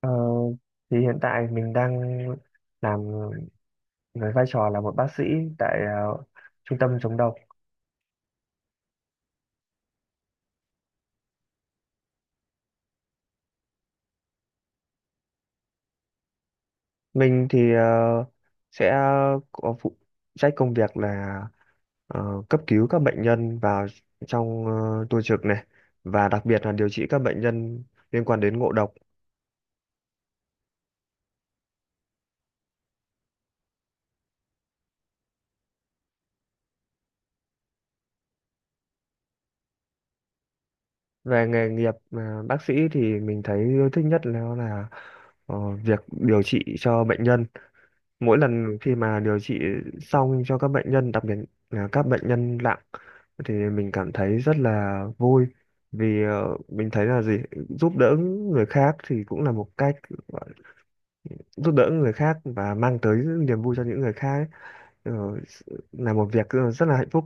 Ờ, thì hiện tại mình đang làm với vai trò là một bác sĩ tại trung tâm chống độc. Mình thì sẽ có phụ trách công việc là cấp cứu các bệnh nhân vào trong tua trực này, và đặc biệt là điều trị các bệnh nhân liên quan đến ngộ độc. Về nghề nghiệp bác sĩ thì mình thấy yêu thích nhất là ờ, việc điều trị cho bệnh nhân. Mỗi lần khi mà điều trị xong cho các bệnh nhân, đặc biệt là các bệnh nhân nặng, thì mình cảm thấy rất là vui, vì mình thấy là gì, giúp đỡ người khác thì cũng là một cách gọi- giúp đỡ người khác và mang tới niềm vui cho những người khác ấy. Ờ, là một việc rất là hạnh phúc.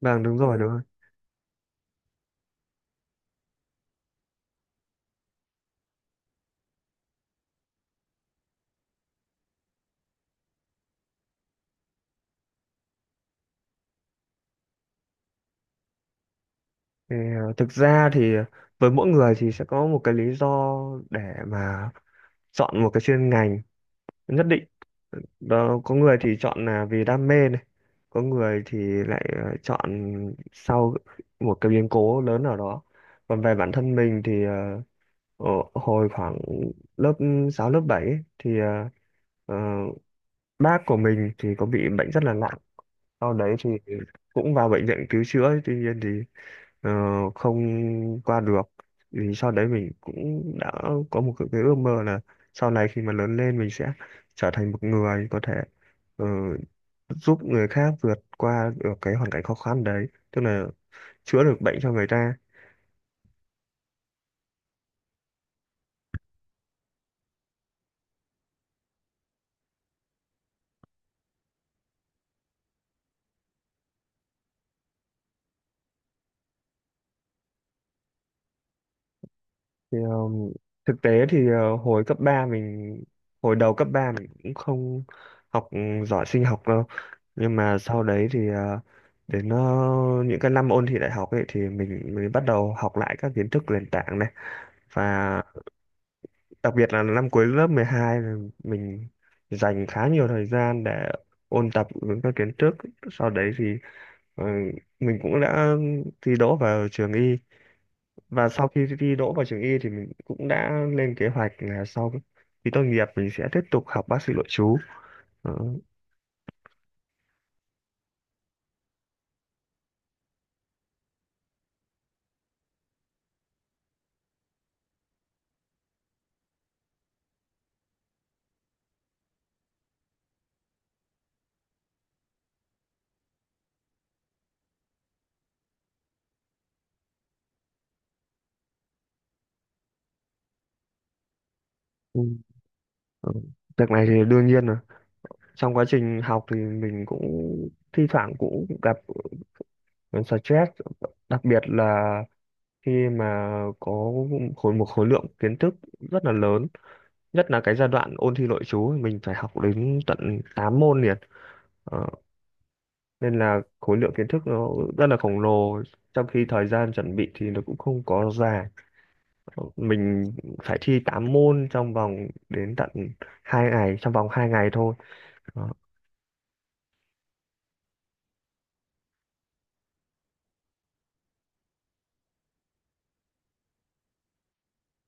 Vâng, đúng rồi, đúng rồi. Thì, ờ, thực ra thì với mỗi người thì sẽ có một cái lý do để mà chọn một cái chuyên ngành nhất định. Đó, có người thì chọn là vì đam mê này, có người thì lại chọn sau một cái biến cố lớn nào đó. Còn về bản thân mình thì ở hồi khoảng lớp 6 lớp 7 ấy, thì ờ, bác của mình thì có bị bệnh rất là nặng. Sau đấy thì cũng vào bệnh viện cứu chữa, tuy nhiên thì ờ, không qua được. Vì sau đấy mình cũng đã có một cái ước mơ là sau này khi mà lớn lên mình sẽ trở thành một người có thể ờ, giúp người khác vượt qua được cái hoàn cảnh khó khăn đấy, tức là chữa được bệnh cho người ta. Thì, thực tế thì uh, hồi cấp 3 mình hồi đầu cấp 3 mình cũng không học giỏi sinh học đâu. Nhưng mà sau đấy thì đến những cái năm ôn thi đại học ấy thì mình mới bắt đầu học lại các kiến thức nền tảng này. Và đặc biệt là năm cuối lớp 12 là mình dành khá nhiều thời gian để ôn tập những các kiến thức. Sau đấy thì ờ, mình cũng đã thi đỗ vào trường y, và sau khi thi đỗ vào trường y thì mình cũng đã lên kế hoạch là sau khi tốt nghiệp mình sẽ tiếp tục học bác sĩ nội trú. Đó. Ừ. Ừ. Việc này thì đương nhiên rồi. Trong quá trình học thì mình cũng thi thoảng cũng gặp ờ, stress, đặc biệt là khi mà có một khối lượng kiến thức rất là lớn, nhất là cái giai đoạn ôn thi nội trú mình phải học đến tận 8 môn liền. Ờ, Nên là khối lượng kiến thức nó rất là khổng lồ, trong khi thời gian chuẩn bị thì nó cũng không có dài. Mình phải thi 8 môn trong vòng hai ngày thôi. Đó.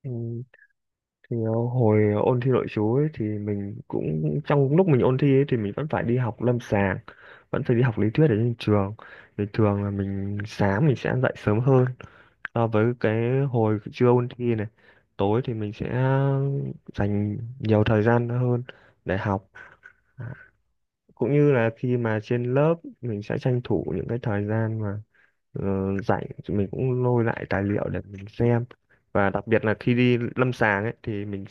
Ừ, thì hồi ôn thi nội trú ấy, thì mình cũng, trong lúc mình ôn thi ấy, thì mình vẫn phải đi học lâm sàng, vẫn phải đi học lý thuyết ở trên trường. Thì thường là mình sáng mình sẽ dậy sớm hơn so với cái hồi trưa ôn thi này. Tối thì mình sẽ dành nhiều thời gian hơn để học. À, cũng như là khi mà trên lớp mình sẽ tranh thủ những cái thời gian mà rảnh, thì mình cũng lôi lại tài liệu để mình xem. Và đặc biệt là khi đi lâm sàng ấy thì mình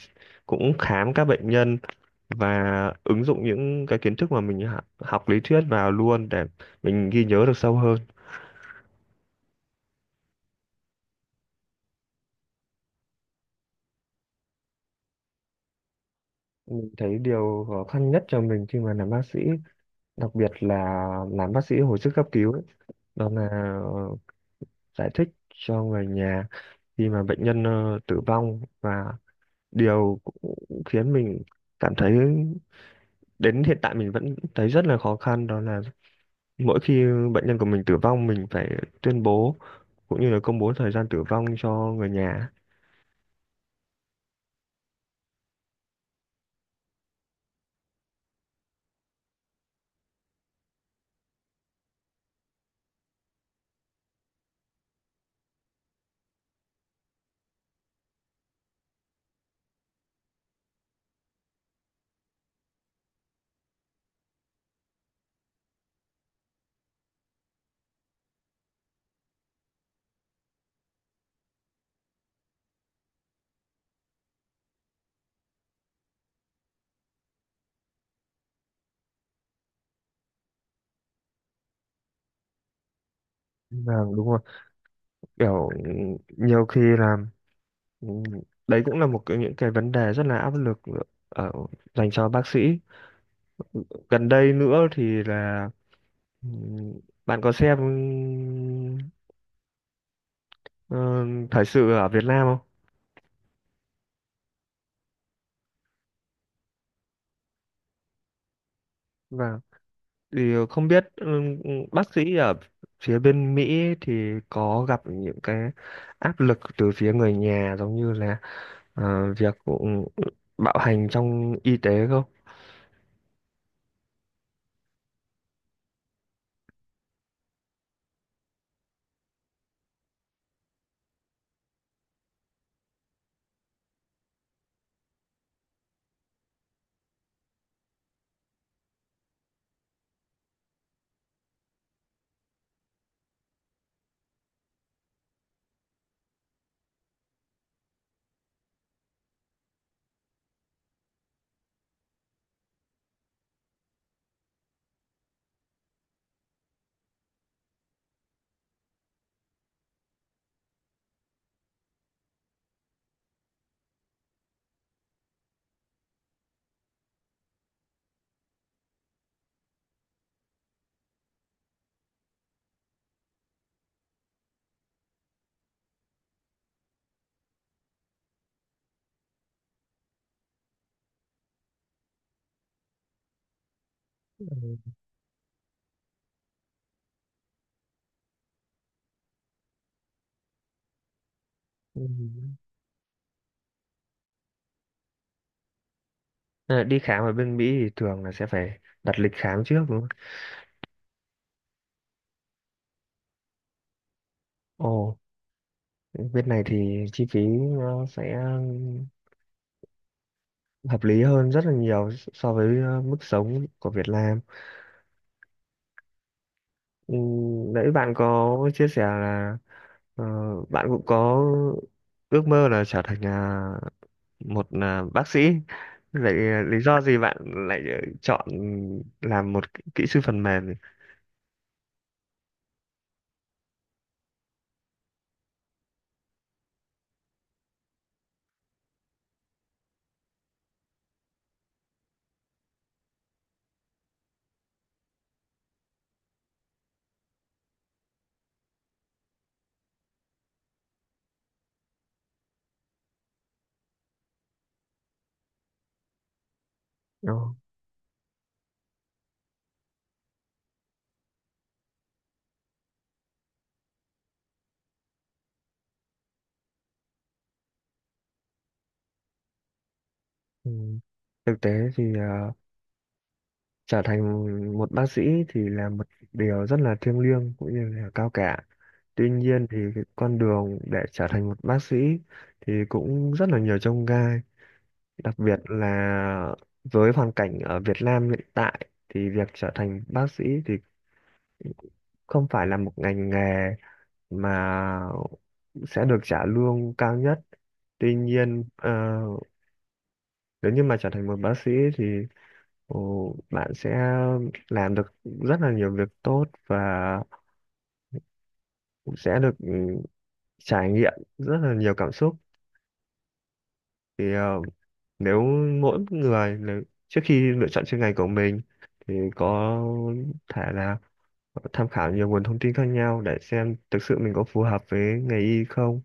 cũng khám các bệnh nhân và ứng dụng những cái kiến thức mà mình học lý thuyết vào luôn để mình ghi nhớ được sâu hơn. Mình thấy điều khó khăn nhất cho mình khi mà làm bác sĩ, đặc biệt là làm bác sĩ hồi sức cấp cứu ấy. Đó là ờ, giải thích cho người nhà khi mà bệnh nhân tử vong. Và điều cũng khiến mình cảm thấy đến hiện tại mình vẫn thấy rất là khó khăn, đó là mỗi khi bệnh nhân của mình tử vong mình phải tuyên bố cũng như là công bố thời gian tử vong cho người nhà. Vâng, đúng rồi. Kiểu nhiều khi là ừ, đấy cũng là những cái vấn đề rất là áp lực ở dành cho bác sĩ. Gần đây nữa thì là Ừm, bạn có xem ờ, thời sự ở Việt Nam không? Vâng. Thì không biết bác sĩ ở phía bên Mỹ thì có gặp những cái áp lực từ phía người nhà, giống như là việc bạo hành trong y tế không? Ừ. Ừm. À, đi khám ở bên Mỹ thì thường là sẽ phải đặt lịch khám trước đúng không? Ồ, bên này thì chi phí nó sẽ hợp lý hơn rất là nhiều so với mức sống của Việt Nam. Ừ, nãy bạn có chia sẻ là ờ, bạn cũng có ước mơ là trở thành một bác sĩ. Vậy lý do gì bạn lại chọn làm một kỹ kỹ sư phần mềm nhỉ? Ờ, ừ. Thực tế thì trở thành một bác sĩ thì là một điều rất là thiêng liêng cũng như là cao cả. Tuy nhiên thì cái con đường để trở thành một bác sĩ thì cũng rất là nhiều chông gai, đặc biệt là với hoàn cảnh ở Việt Nam hiện tại thì việc trở thành bác sĩ thì không phải là một ngành nghề mà sẽ được trả lương cao nhất. Tuy nhiên nếu như mà trở thành một bác sĩ thì bạn sẽ làm được rất là nhiều việc tốt và cũng sẽ được trải nghiệm rất là nhiều cảm xúc. Thì nếu mỗi người nếu, trước khi lựa chọn chuyên ngành của mình, thì có thể là tham khảo nhiều nguồn thông tin khác nhau để xem thực sự mình có phù hợp với nghề y không.